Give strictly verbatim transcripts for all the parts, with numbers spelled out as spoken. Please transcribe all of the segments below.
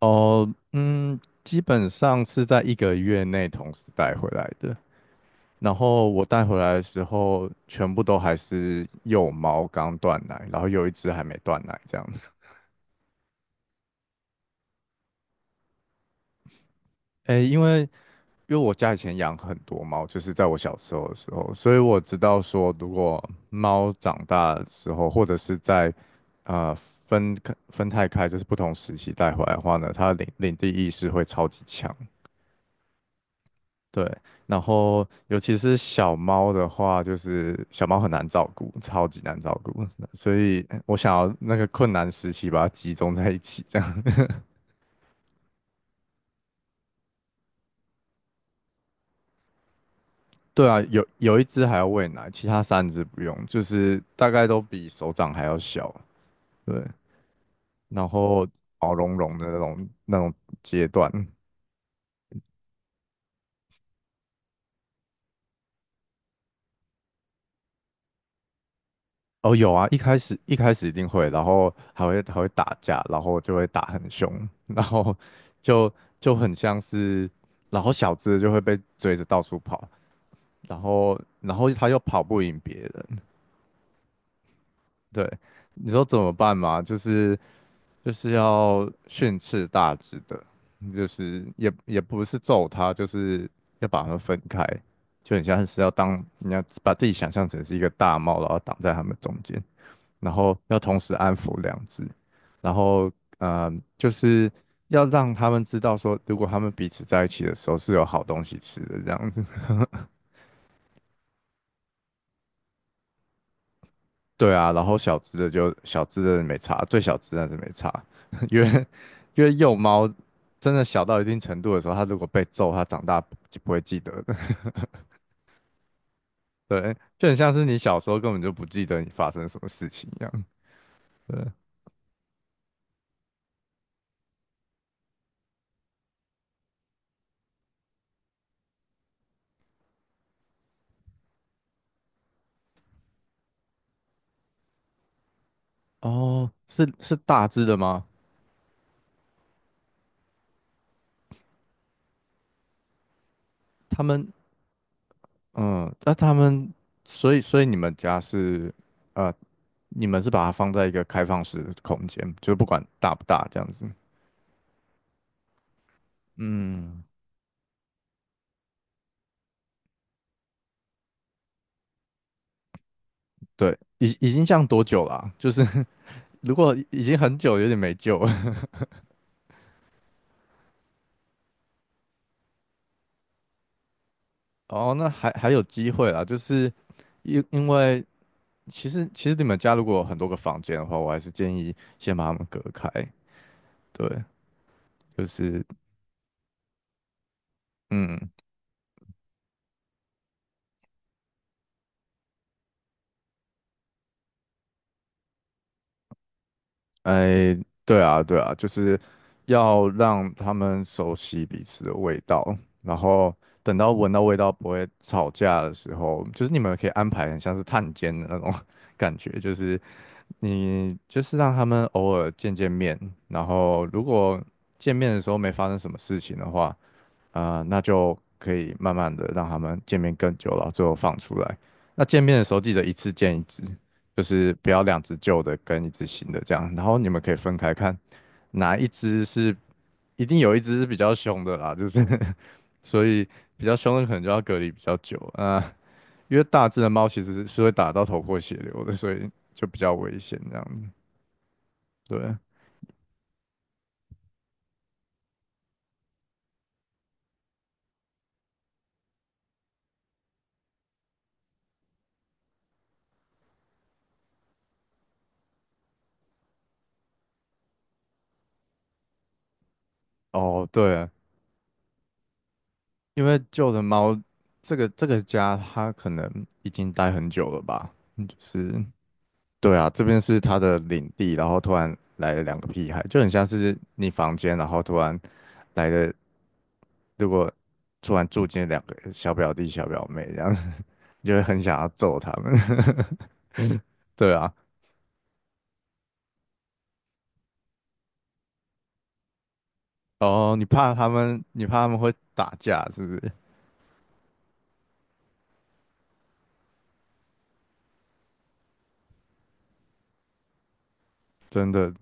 哦，嗯，基本上是在一个月内同时带回来的。然后我带回来的时候，全部都还是幼猫刚断奶，然后有一只还没断奶这样子。诶，因为因为我家以前养很多猫，就是在我小时候的时候，所以我知道说，如果猫长大的时候，或者是在呃分开分太开，就是不同时期带回来的话呢，它的领领地意识会超级强。对，然后尤其是小猫的话，就是小猫很难照顾，超级难照顾，所以我想要那个困难时期把它集中在一起，这样。对啊，有有一只还要喂奶，其他三只不用，就是大概都比手掌还要小，对，然后毛茸茸的那种那种阶段，哦，有啊，一开始一开始一定会，然后还会还会打架，然后就会打很凶，然后就就很像是，然后小只的就会被追着到处跑，然后然后他又跑不赢别人，对，你说怎么办嘛？就是就是要训斥大只的，就是也也不是揍他，就是要把他们分开，就很像是要当你要把自己想象成是一个大猫，然后挡在他们中间。然后要同时安抚两只，然后呃，就是要让他们知道说，如果他们彼此在一起的时候是有好东西吃的这样子。对啊，然后小只的就小只的没差，最小只的是没差，因为因为幼猫真的小到一定程度的时候，它如果被揍，它长大就不会记得的。对，就很像是你小时候根本就不记得你发生什么事情一样。对，哦，是是大只的吗？他们嗯，那他们，所以所以你们家是，呃，你们是把它放在一个开放式的空间，就不管大不大这样子。嗯，对，已已经这样多久了啊就是 如果已已经很久，有点没救了。哦，那还还有机会啦，就是因因为其实其实你们家如果有很多个房间的话，我还是建议先把它们隔开。对，就是嗯。哎，对啊，对啊，就是要让他们熟悉彼此的味道，然后等到闻到味道不会吵架的时候，就是你们可以安排很像是探监的那种 感觉，就是你就是让他们偶尔见见面，然后如果见面的时候没发生什么事情的话，啊，那就可以慢慢的让他们见面更久了，最后放出来。那见面的时候记得一次见一只，就是不要两只旧的跟一只新的这样，然后你们可以分开看哪一只是一定有一只是比较凶的啦，就是 所以比较凶的可能就要隔离比较久啊，呃因为大只的猫其实是会打到头破血流的，所以就比较危险这样子。对，哦，对。因为旧的猫，这个这个家它可能已经待很久了吧，嗯就是对啊，这边是它的领地，然后突然来了两个屁孩，就很像是你房间，然后突然来了，如果突然住进两个小表弟小表妹这样，你就会很想要揍他们。对啊，哦，你怕他们，你怕他们会打架是不是？真的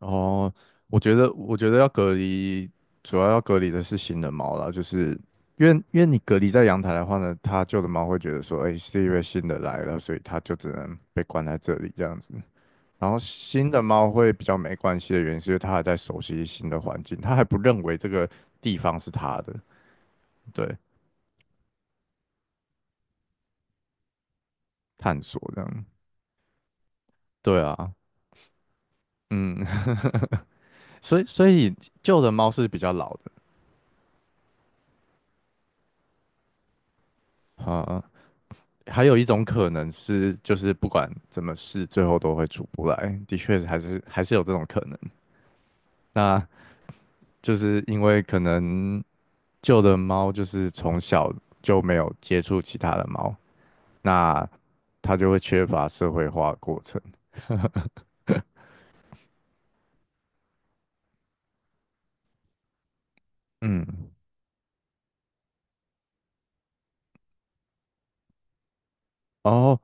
哦，我觉得，我觉得要隔离，主要要隔离的是新的猫啦，就是因为因为你隔离在阳台的话呢，它旧的猫会觉得说，哎，是因为新的来了，所以它就只能被关在这里这样子。然后新的猫会比较没关系的原因，是因为它还在熟悉新的环境，它还不认为这个地方是它的，对，探索这样，对啊，嗯，所以所以旧的猫是比较老的，啊，还有一种可能是，就是不管怎么试，最后都会出不来。的确，还是还是有这种可能。那就是因为可能旧的猫就是从小就没有接触其他的猫，那它就会缺乏社会化的过程。嗯，哦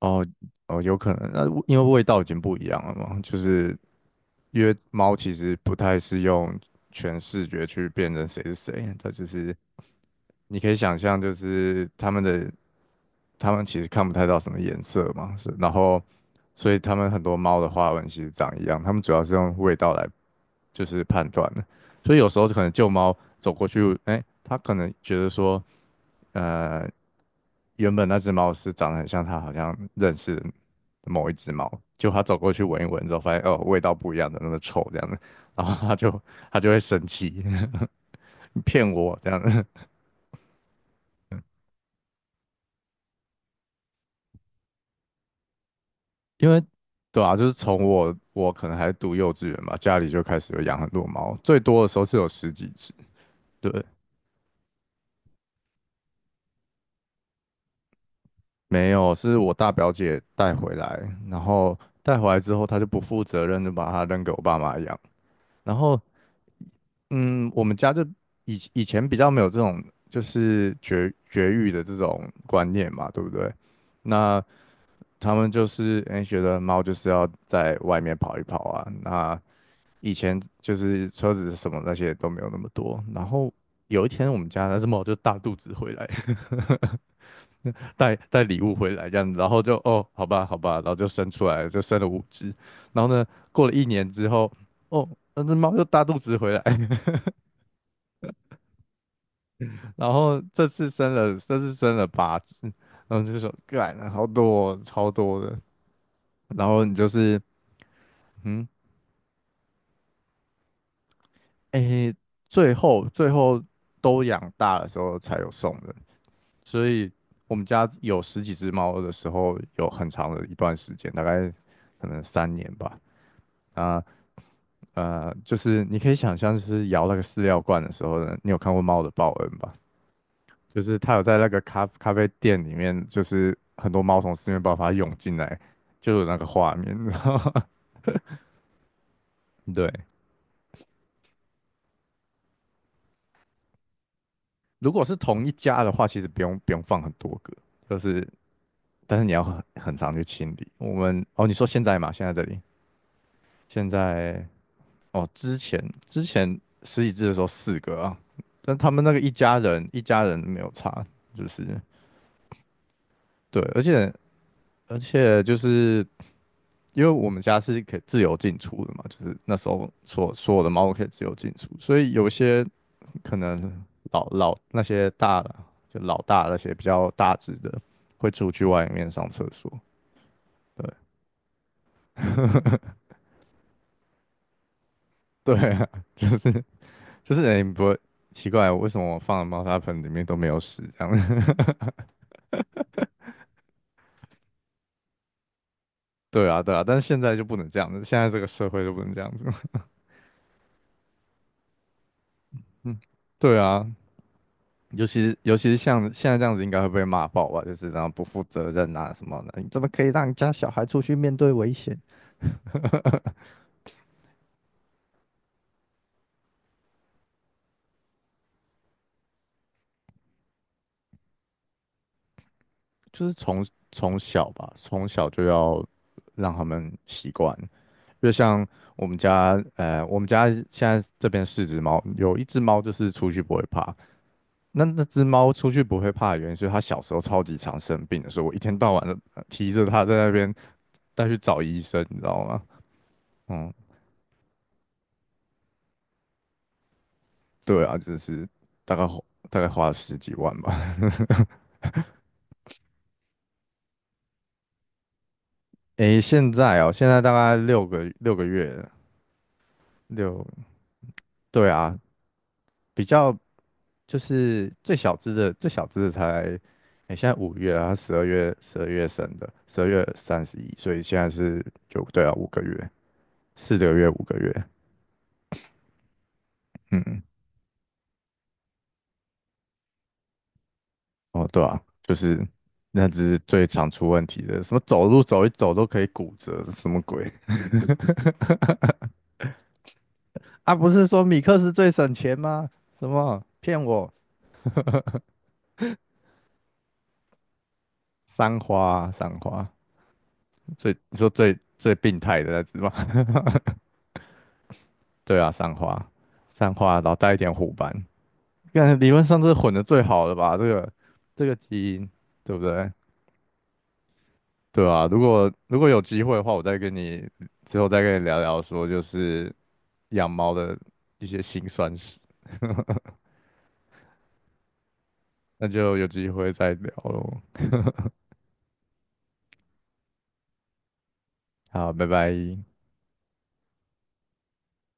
哦哦，有可能。那因为味道已经不一样了嘛，就是因为猫其实不太是用全视觉去辨认谁是谁，它就是你可以想象，就是他们的他们其实看不太到什么颜色嘛，是，然后所以他们很多猫的花纹其实长一样，他们主要是用味道来就是判断的，所以有时候可能旧猫走过去，哎，它可能觉得说，呃，原本那只猫是长得很像它好像认识的某一只猫，就它走过去闻一闻之后，发现哦味道不一样的，那么臭这样子，然后它就它就会生气，骗我这样子。因为对啊，就是从我我可能还读幼稚园吧，家里就开始有养很多猫，最多的时候是有十几只。对，没有，是我大表姐带回来，然后带回来之后，她就不负责任的把它扔给我爸妈养。然后，嗯，我们家就以以前比较没有这种就是绝绝育的这种观念嘛，对不对？那他们就是哎诶，觉得猫就是要在外面跑一跑啊，那以前就是车子什么那些都没有那么多。然后有一天我们家那只猫就大肚子回来，带带礼物回来这样子，然后就哦，好吧，好吧，然后就生出来了，就生了五只。然后呢，过了一年之后，哦，那只猫又大肚子回来，然后这次生了，这次生了八只。然后就说，干，好多哦，超多的。然后你就是，嗯，诶，最后最后都养大的时候才有送的。所以我们家有十几只猫的时候，有很长的一段时间，大概可能三年吧。啊呃，就是你可以想象，就是摇那个饲料罐的时候呢，你有看过猫的报恩吧？就是它有在那个咖咖啡店里面，就是很多猫从四面八方涌进来，就有那个画面，然后对。如果是同一家的话，其实不用不用放很多个，就是但是你要很很常去清理。我们哦，你说现在嘛，现在这里现在哦，之前之前十几只的时候四个啊，但他们那个一家人一家人没有差，就是对，而且而且就是因为我们家是可以自由进出的嘛，就是那时候所所有的猫可以自由进出，所以有些可能老老那些大的就老大那些比较大只的会出去外面上厕所，对对啊，就是就是哎你不会奇怪为什么我放的猫砂盆里面都没有屎这样。对啊，对啊，但是现在就不能这样子，现在这个社会就不能这样子。对啊，尤其是尤其是像现在这样子，应该会被骂爆吧？就是这样不负责任啊什么的，你怎么可以让你家小孩出去面对危险？就是从从小吧，从小就要让他们习惯。就像我们家，呃，我们家现在这边四只猫，有一只猫就是出去不会怕。那那只猫出去不会怕的原因是它小时候超级常生病的，所以我一天到晚的提着它在那边带去找医生，你知道吗？嗯，对啊，就是大概花大概花了十几万吧。诶，现在哦，现在大概六个六个月了六，对啊，比较就是最小只的，最小只的才，诶，现在五月啊，它十二月十二月生的，十二月三十一，所以现在是就对啊，五个月，四个月五个月，嗯，哦，对啊，就是那只是最常出问题的，什么走路走一走都可以骨折，什么鬼？啊，不是说米克斯最省钱吗？什么骗我？三花啊三花，最你说最最病态的那只吗？对啊，三花，三花，老带一点虎斑，看理论上这是混的最好的吧？这个这个基因，对不对？对啊，如果如果有机会的话，我再跟你之后再跟你聊聊说，就是养猫的一些辛酸史，那就有机会再聊喽。好，拜拜。